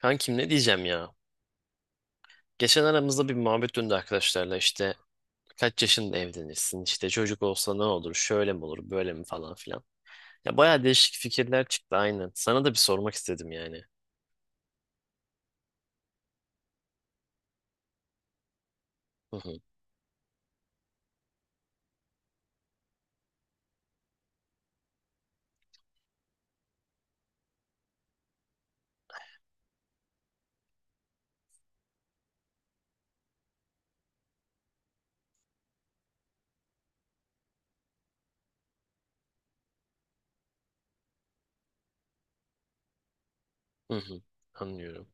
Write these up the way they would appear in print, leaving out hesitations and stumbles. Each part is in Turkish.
Kankim, ne diyeceğim ya? Geçen aramızda bir muhabbet döndü arkadaşlarla. İşte kaç yaşında evlenirsin, işte çocuk olsa ne olur, şöyle mi olur böyle mi, falan filan. Ya baya değişik fikirler çıktı, aynen. Sana da bir sormak istedim yani. Hı hı. Hı hı. Anlıyorum.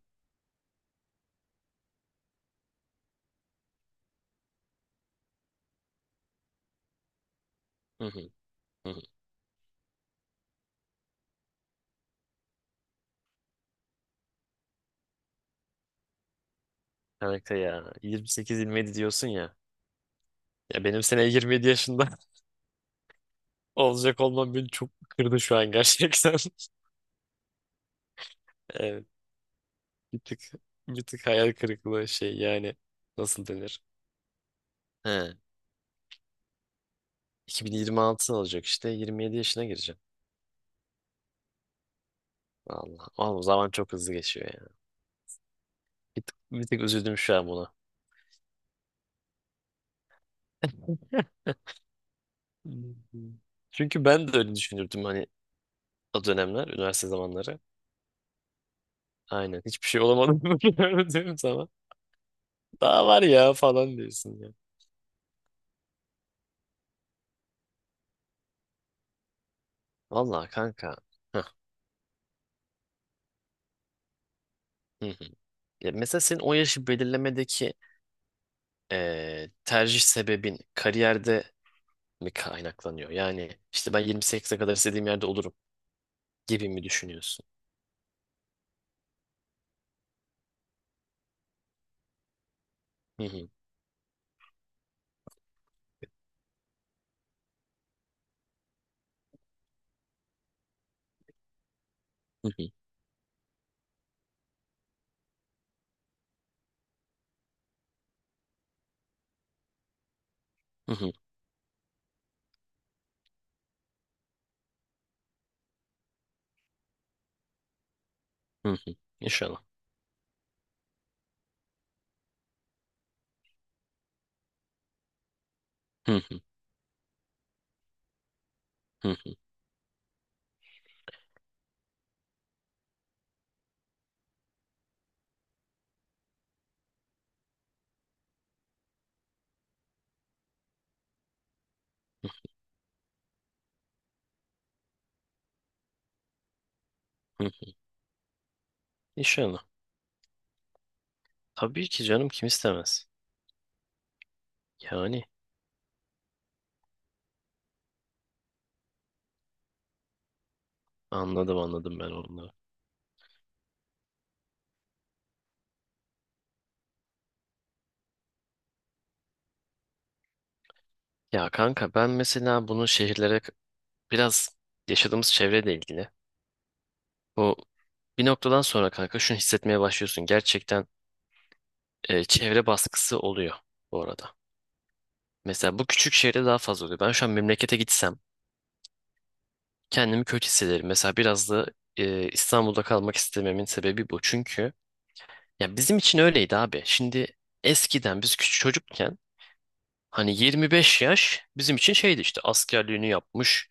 Hı hı. Hı hı. Kanka, ya 28-27 diyorsun ya. Ya benim sene 27 yaşında olacak olmam beni çok kırdı şu an gerçekten. Evet, bir tık bir tık hayal kırıklığı, şey yani, nasıl denir? He. 2026 olacak, işte 27 yaşına gireceğim. Allah. Oğlum, zaman çok hızlı geçiyor ya. Bir tık üzüldüm şu an buna. Çünkü ben de öyle düşünürdüm hani, o dönemler, üniversite zamanları. Aynen. Hiçbir şey olamadım, böyle diyorum sana. Daha var ya falan diyorsun ya. Vallahi kanka. Heh, hı hı. Ya mesela senin o yaşı belirlemedeki, tercih sebebin kariyerde mi kaynaklanıyor? Yani işte ben 28'e kadar istediğim yerde olurum gibi mi düşünüyorsun? Hı hı, hı hı, hı hı. Hı hı. İnşallah. Hı hı. Hı hı. Hı. İnşallah. Tabii ki canım, kim istemez? Yani anladım, anladım ben onları. Ya kanka, ben mesela bunu şehirlere, biraz yaşadığımız çevreyle ilgili. Bu bir noktadan sonra kanka şunu hissetmeye başlıyorsun. Gerçekten, çevre baskısı oluyor bu arada. Mesela bu küçük şehirde daha fazla oluyor. Ben şu an memlekete gitsem kendimi kötü hissederim. Mesela biraz da, İstanbul'da kalmak istememin sebebi bu. Çünkü ya bizim için öyleydi abi. Şimdi, eskiden biz küçük çocukken, hani 25 yaş bizim için şeydi işte: askerliğini yapmış,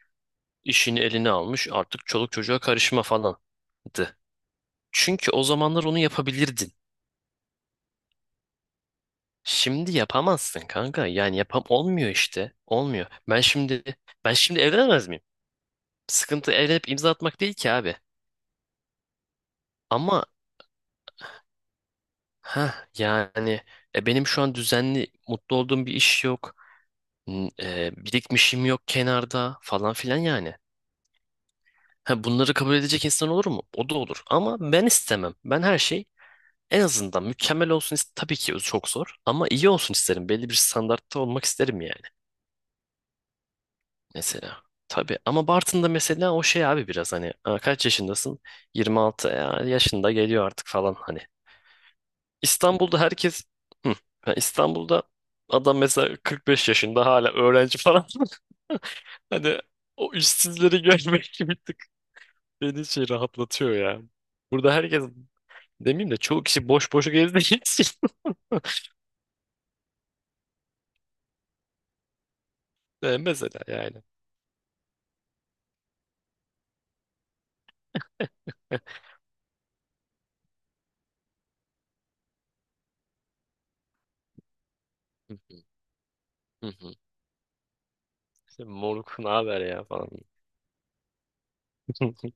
işini eline almış, artık çoluk çocuğa karışma falandı. Çünkü o zamanlar onu yapabilirdin. Şimdi yapamazsın kanka. Yani yapam olmuyor işte. Olmuyor. Ben şimdi evlenemez miyim? Sıkıntı evlenip imza atmak değil ki abi. Ama ha yani, benim şu an düzenli mutlu olduğum bir iş yok. Birikmişim yok kenarda falan filan yani. Ha, bunları kabul edecek insan olur mu? O da olur. Ama ben istemem. Ben her şey en azından mükemmel olsun tabii ki çok zor, ama iyi olsun isterim. Belli bir standartta olmak isterim yani, mesela. Tabii ama Bartın'da mesela o şey abi, biraz hani, "Aa, kaç yaşındasın? 26 ya, yaşında geliyor artık," falan hani. İstanbul'da herkes... Hı. Ha, İstanbul'da adam mesela 45 yaşında hala öğrenci falan. Hani o işsizleri görmek bir tık beni şey rahatlatıyor ya. Burada herkes... Demeyeyim de, çoğu kişi boş boş gezdiği için. Mesela yani. Hı hı, hı hı. İşte moruk ne haber ya falan.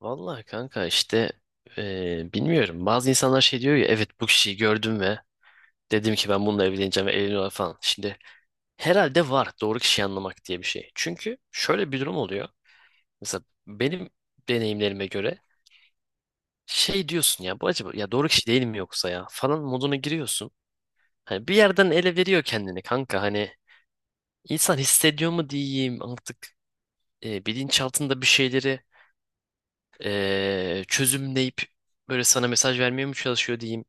Vallahi kanka, işte bilmiyorum. Bazı insanlar şey diyor ya, evet bu kişiyi gördüm ve dedim ki, ben bununla evleneceğim, ve evleniyorlar falan. Şimdi herhalde var, doğru kişiyi anlamak diye bir şey. Çünkü şöyle bir durum oluyor. Mesela benim deneyimlerime göre şey diyorsun ya, bu acaba ya doğru kişi değil mi, yoksa ya falan moduna giriyorsun. Hani bir yerden ele veriyor kendini kanka, hani İnsan hissediyor mu diyeyim artık, bilinçaltında bir şeyleri çözümleyip böyle sana mesaj vermeye mi çalışıyor diyeyim.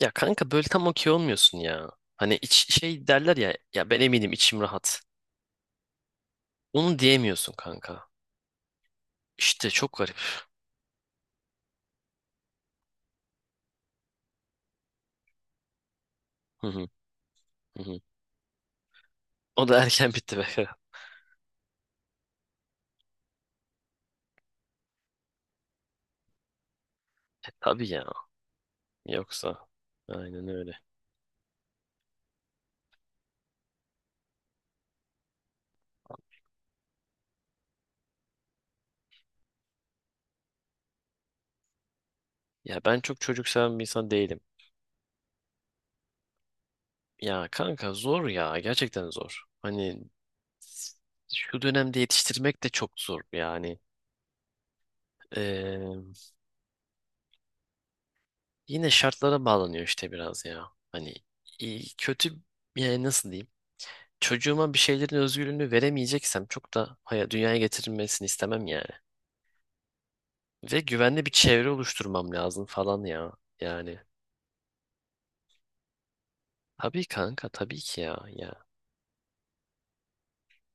Ya kanka, böyle tam okey olmuyorsun ya. Hani şey derler ya ben eminim, içim rahat. Onu diyemiyorsun kanka. İşte çok garip. Hı hı, hı hı. O da erken bitti be. Tabii ya. Yoksa, aynen öyle. Ya ben çok çocuk seven bir insan değilim. Ya kanka zor ya, gerçekten zor. Hani şu dönemde yetiştirmek de çok zor yani. Ee, yine şartlara bağlanıyor işte biraz ya. Hani iyi, kötü, yani nasıl diyeyim? Çocuğuma bir şeylerin özgürlüğünü veremeyeceksem çok da, dünyaya getirilmesini istemem yani. Ve güvenli bir çevre oluşturmam lazım falan ya. Yani tabii kanka, tabii ki ya. Ya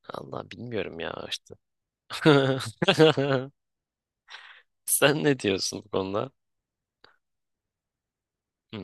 Allah, bilmiyorum ya işte. Sen ne diyorsun bu konuda? Hı.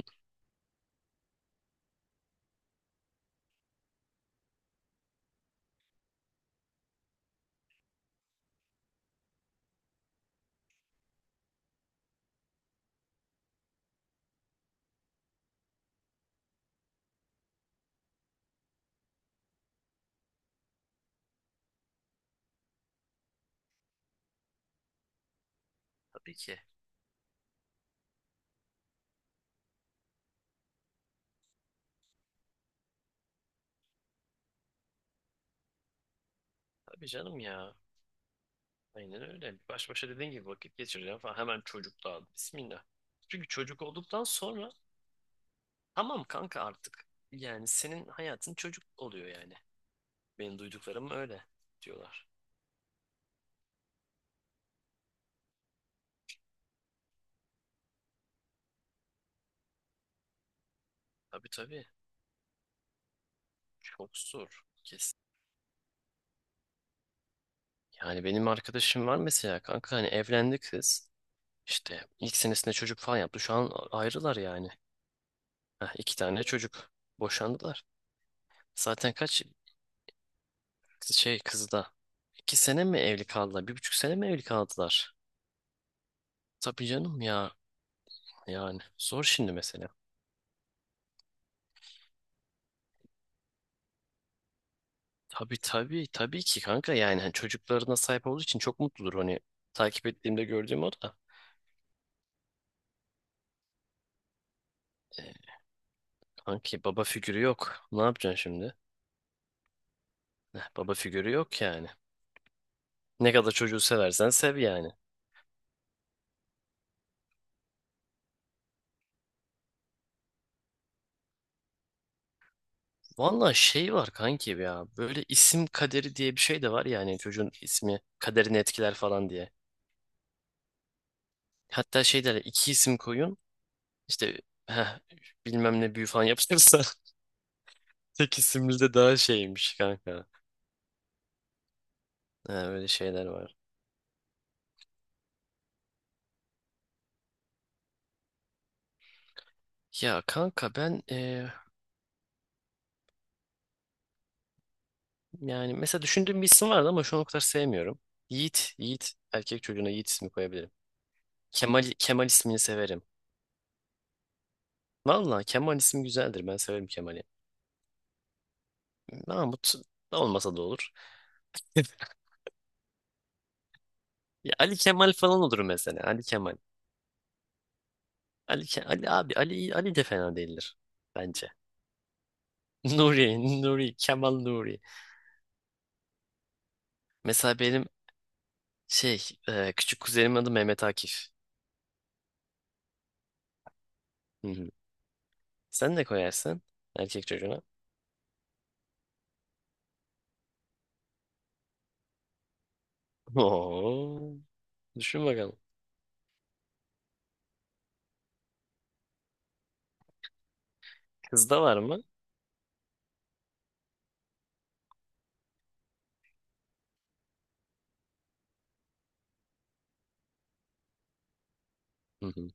Tabii ki. Tabii canım ya. Aynen öyle. Baş başa dediğin gibi vakit geçireceğim falan. Hemen çocuk da al. Bismillah. Çünkü çocuk olduktan sonra tamam kanka artık. Yani senin hayatın çocuk oluyor yani. Benim duyduklarım öyle diyorlar. Tabii tabii. Çok zor. Kesin. Yani benim arkadaşım var mesela kanka, hani evlendi kız. İşte ilk senesinde çocuk falan yaptı. Şu an ayrılar yani. Heh, iki tane çocuk. Boşandılar. Zaten kaç şey kızı da. İki sene mi evli kaldılar? Bir buçuk sene mi evli kaldılar? Tabii canım ya, yani zor şimdi mesela. Tabii tabii tabii ki kanka, yani hani çocuklarına sahip olduğu için çok mutludur hani, takip ettiğimde gördüğüm o da. E, kanki baba figürü yok. Ne yapacaksın şimdi? Heh, baba figürü yok yani. Ne kadar çocuğu seversen sev yani. Valla şey var kanki ya, böyle isim kaderi diye bir şey de var, yani çocuğun ismi kaderini etkiler falan diye. Hatta şey derler, iki isim koyun işte, heh, bilmem ne büyü falan yapılırsa tek isimli de daha şeymiş kanka. Ha, öyle şeyler var. Ya kanka ben, yani mesela düşündüğüm bir isim vardı ama şu an o kadar sevmiyorum. Yiğit, Yiğit. Erkek çocuğuna Yiğit ismi koyabilirim. Kemal, Kemal ismini severim. Valla Kemal ismi güzeldir. Ben severim Kemal'i. Mahmut da olmasa da olur. Ya Ali Kemal falan olur mesela. Ali Kemal. Ali abi Ali Ali de fena değildir bence. Nuri, Nuri, Kemal Nuri. Mesela benim şey, küçük kuzenimin adı Mehmet Akif. Hı hı. Sen ne koyarsın erkek çocuğuna? Oo, düşün bakalım. Kızda var mı? Hı hı.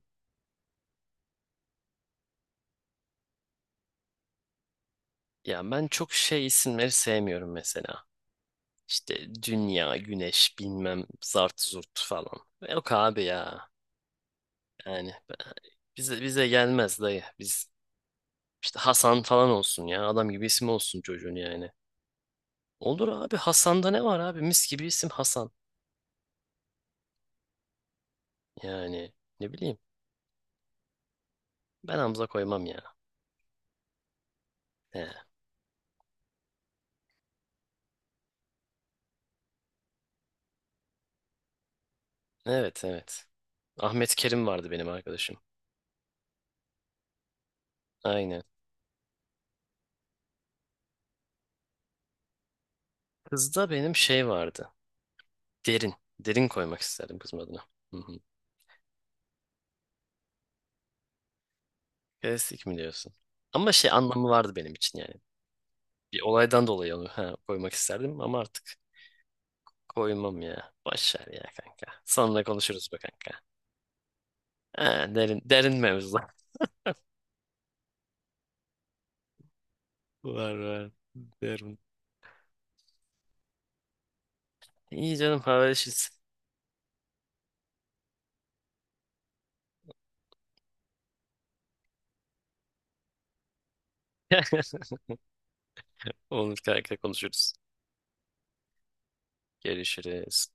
Ya ben çok şey isimleri sevmiyorum mesela. İşte dünya, güneş, bilmem zart zurt falan. Yok abi ya. Yani bize bize gelmez dayı. Biz işte Hasan falan olsun ya. Adam gibi isim olsun çocuğun yani. Olur abi, Hasan'da ne var abi? Mis gibi isim Hasan. Yani ne bileyim. Ben Hamza koymam ya. He. Evet evet. Ahmet Kerim vardı benim arkadaşım. Aynen. Kızda benim şey vardı. Derin. Derin koymak isterdim kızın adına. Hı hı. Klasik mi diyorsun? Ama şey anlamı vardı benim için yani. Bir olaydan dolayı onu, koymak isterdim ama artık koymam ya. Boş ver ya kanka. Sonra konuşuruz be kanka. Ha, derin, derin mevzu. Var var. Derin. İyi canım, haberleşiriz. Olur kanka, konuşuruz. Görüşürüz.